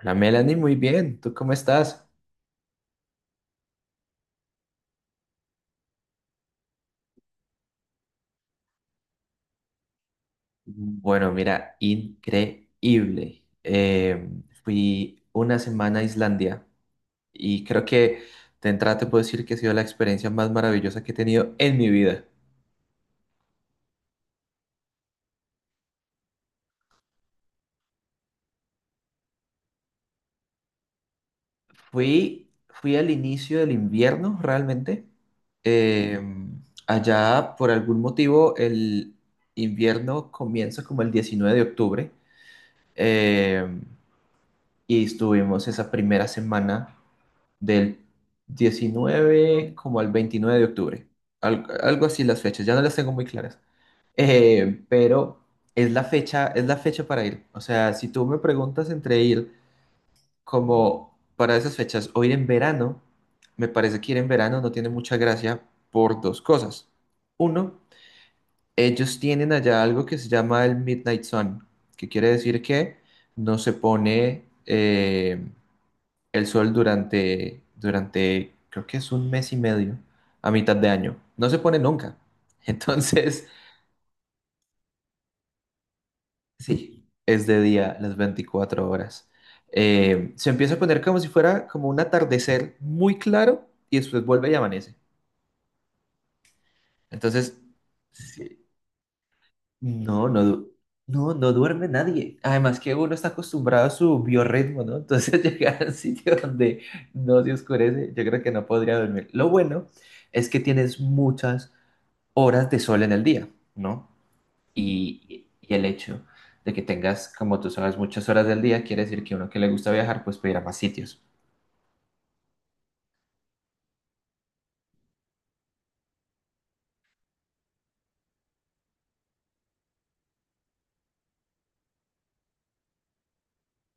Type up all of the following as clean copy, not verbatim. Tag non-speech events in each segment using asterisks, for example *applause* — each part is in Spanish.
Hola Melanie, muy bien. ¿Tú cómo estás? Bueno, mira, increíble. Fui una semana a Islandia y creo que de entrada te puedo decir que ha sido la experiencia más maravillosa que he tenido en mi vida. Fui al inicio del invierno realmente. Eh, allá, por algún motivo, el invierno comienza como el 19 de octubre. Eh, y estuvimos esa primera semana, del 19 como al 29 de octubre. Algo así las fechas, ya no las tengo muy claras. Pero es la fecha para ir. O sea, si tú me preguntas entre ir como para esas fechas o ir en verano, me parece que ir en verano no tiene mucha gracia por dos cosas. Uno, ellos tienen allá algo que se llama el Midnight Sun, que quiere decir que no se pone el sol creo que es un mes y medio, a mitad de año. No se pone nunca. *laughs* Entonces, sí, es de día las 24 horas. Se empieza a poner como si fuera como un atardecer muy claro y después vuelve y amanece. Entonces, sí, no, no, du- no duerme nadie. Además que uno está acostumbrado a su biorritmo, ¿no? Entonces *laughs* llegar al sitio donde no se oscurece, yo creo que no podría dormir. Lo bueno es que tienes muchas horas de sol en el día, ¿no? Y el hecho de que tengas, como tú sabes, muchas horas del día, quiere decir que uno que le gusta viajar, pues puede ir a más sitios.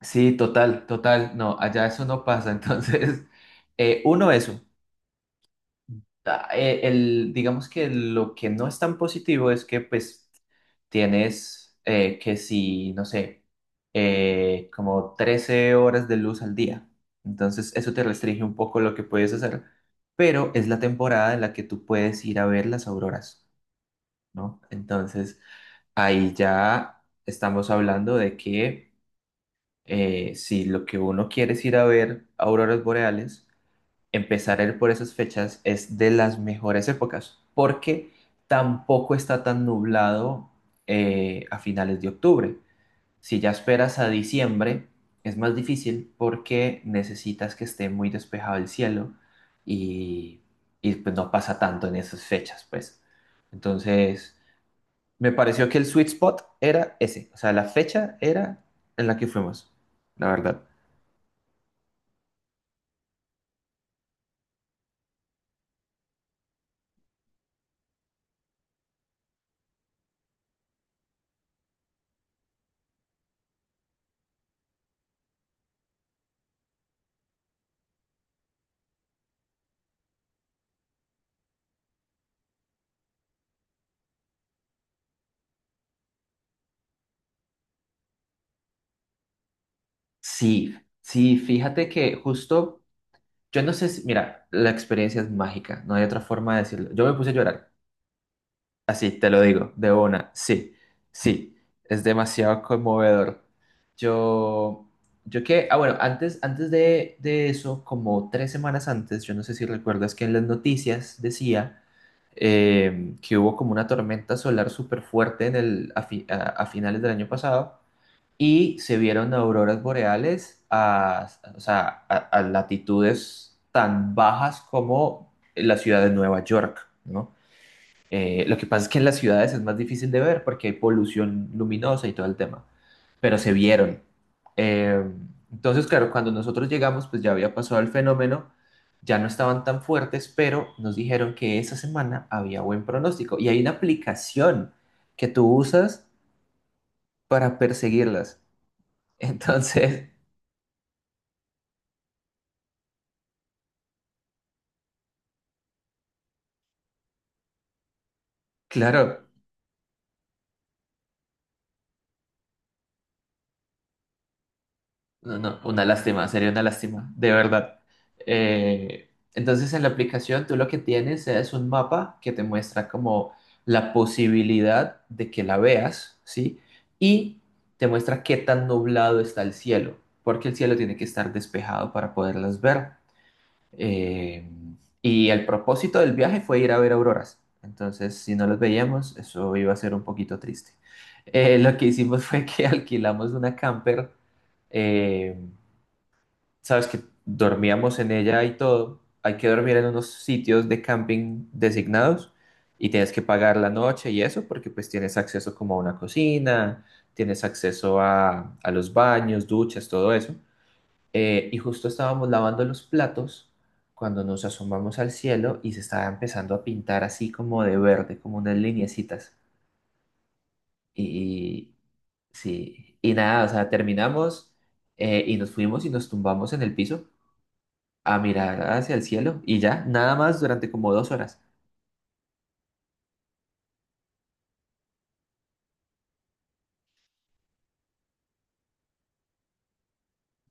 Sí, total, total. No, allá eso no pasa. *laughs* Entonces, uno, eso. Ah, el, digamos que lo que no es tan positivo es que pues tienes que si, no sé, como 13 horas de luz al día. Entonces eso te restringe un poco lo que puedes hacer, pero es la temporada en la que tú puedes ir a ver las auroras, ¿no? Entonces ahí ya estamos hablando de que si lo que uno quiere es ir a ver auroras boreales, empezar a ir por esas fechas es de las mejores épocas, porque tampoco está tan nublado a finales de octubre. Si ya esperas a diciembre, es más difícil porque necesitas que esté muy despejado el cielo y, pues no pasa tanto en esas fechas, pues. Entonces, me pareció que el sweet spot era ese, o sea, la fecha era en la que fuimos, la verdad. Sí, sí, fíjate que justo. Yo no sé si, mira, la experiencia es mágica, no hay otra forma de decirlo. Yo me puse a llorar, así, te lo digo, de una, sí, sí, es demasiado conmovedor. Yo, yo que, ah, bueno, antes, antes de eso, como 3 semanas antes, yo no sé si recuerdas que en las noticias decía que hubo como una tormenta solar súper fuerte en el, a, fi- a finales del año pasado y se vieron auroras boreales o sea, a latitudes tan bajas como la ciudad de Nueva York, ¿no? Lo que pasa es que en las ciudades es más difícil de ver porque hay polución luminosa y todo el tema, pero se vieron. Eh, entonces, claro, cuando nosotros llegamos, pues ya había pasado el fenómeno, ya no estaban tan fuertes, pero nos dijeron que esa semana había buen pronóstico y hay una aplicación que tú usas para perseguirlas. *laughs* Entonces, claro, no, no, sería una lástima, de verdad. Entonces en la aplicación tú lo que tienes es un mapa que te muestra como la posibilidad de que la veas, ¿sí? Y te muestra qué tan nublado está el cielo, porque el cielo tiene que estar despejado para poderlas ver. Eh, y el propósito del viaje fue ir a ver auroras. Entonces, si no las veíamos, eso iba a ser un poquito triste. Lo que hicimos fue que *laughs* alquilamos una camper. eh, sabes que dormíamos en ella y todo. Hay que dormir en unos sitios de camping designados y tienes que pagar la noche y eso porque pues tienes acceso como a una cocina, tienes acceso a los baños, duchas, todo eso. Y justo estábamos lavando los platos cuando nos asomamos al cielo y se estaba empezando a pintar así como de verde, como unas lineecitas. Y sí, y nada, o sea, terminamos y nos fuimos y nos tumbamos en el piso a mirar hacia el cielo y ya, nada más durante como 2 horas.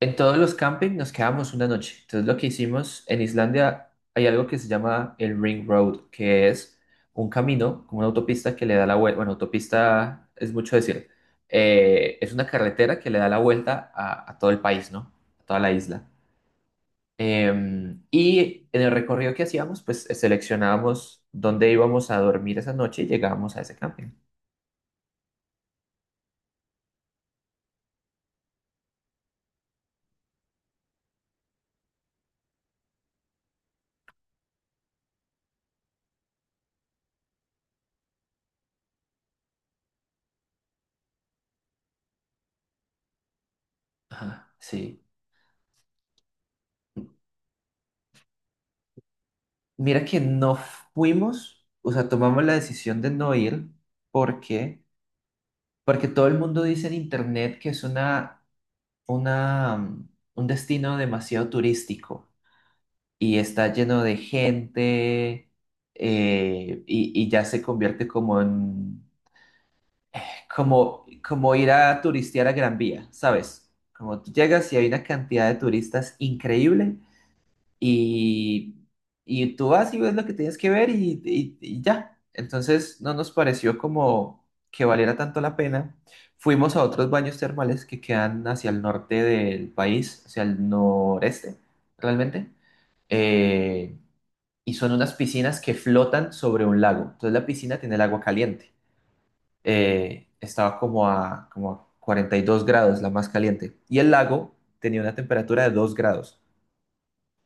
En todos los campings nos quedamos una noche. Entonces lo que hicimos en Islandia, hay algo que se llama el Ring Road, que es un camino, como una autopista que le da la vuelta. Bueno, autopista es mucho decir. Es una carretera que le da la vuelta a todo el país, ¿no? A toda la isla. Y en el recorrido que hacíamos, pues seleccionábamos dónde íbamos a dormir esa noche y llegábamos a ese camping. Ajá, sí. Mira que no fuimos, o sea, tomamos la decisión de no ir porque Porque todo el mundo dice en internet que es una, mm, un destino demasiado turístico y está lleno de gente, y ya se convierte como ir a turistear a Gran Vía, ¿sabes? Como tú llegas y hay una cantidad de turistas increíble y, y tú vas y ves lo que tienes que ver y ya. Entonces no nos pareció como que valiera tanto la pena. Fuimos a otros baños termales que quedan hacia el norte del país, hacia el noreste, realmente. Eh, y son unas piscinas que flotan sobre un lago. Entonces la piscina tiene el agua caliente. Estaba como a 42 grados, la más caliente. Y el lago tenía una temperatura de 2 grados.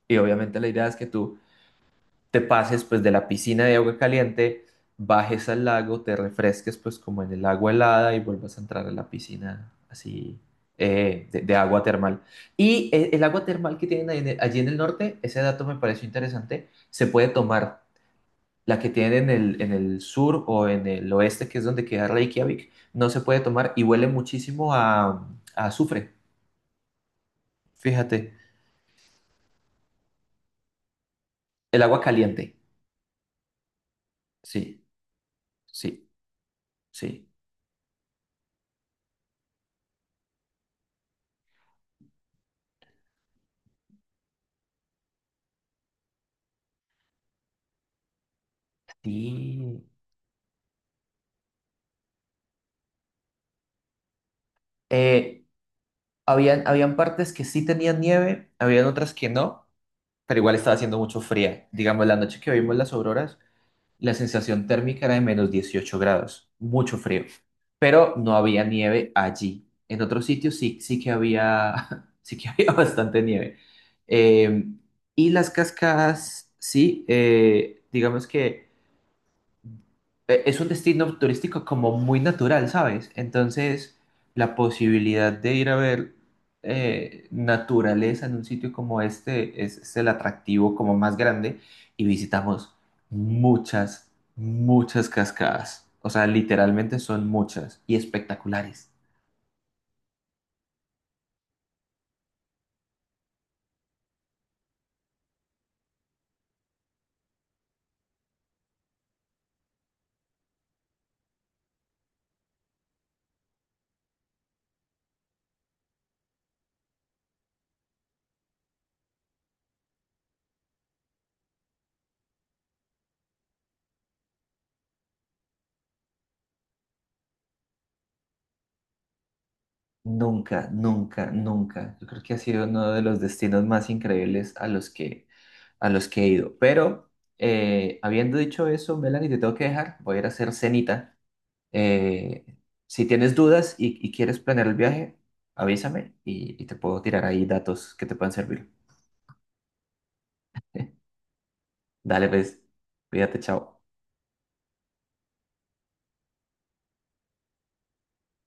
Y obviamente la idea es que tú te pases pues de la piscina de agua caliente, bajes al lago, te refresques pues como en el agua helada y vuelvas a entrar a la piscina así, de agua termal. Y el agua termal que tienen ahí allí en el norte, ese dato me pareció interesante, se puede tomar. La que tienen en el sur o en el oeste, que es donde queda Reykjavik, no se puede tomar y huele muchísimo a azufre. Fíjate, el agua caliente. Sí, sí, sí. Sí. Eh, habían partes que sí tenían nieve, habían otras que no, pero igual estaba haciendo mucho fría. Digamos, la noche que vimos las auroras, la sensación térmica era de -18 grados, mucho frío, pero no había nieve allí. En otros sitios sí, sí que había, *laughs* sí que había bastante nieve. Eh, y las cascadas, sí, digamos que es un destino turístico como muy natural, ¿sabes? Entonces, la posibilidad de ir a ver naturaleza en un sitio como este es el atractivo como más grande, y visitamos muchas, muchas cascadas. O sea, literalmente son muchas y espectaculares. Nunca, nunca, nunca. Yo creo que ha sido uno de los destinos más increíbles a los que he ido. Pero habiendo dicho eso, Melanie, te tengo que dejar. Voy a ir a hacer cenita. Eh, si tienes dudas y quieres planear el viaje, avísame y te puedo tirar ahí datos que te puedan servir. *laughs* Dale, pues, cuídate, chao.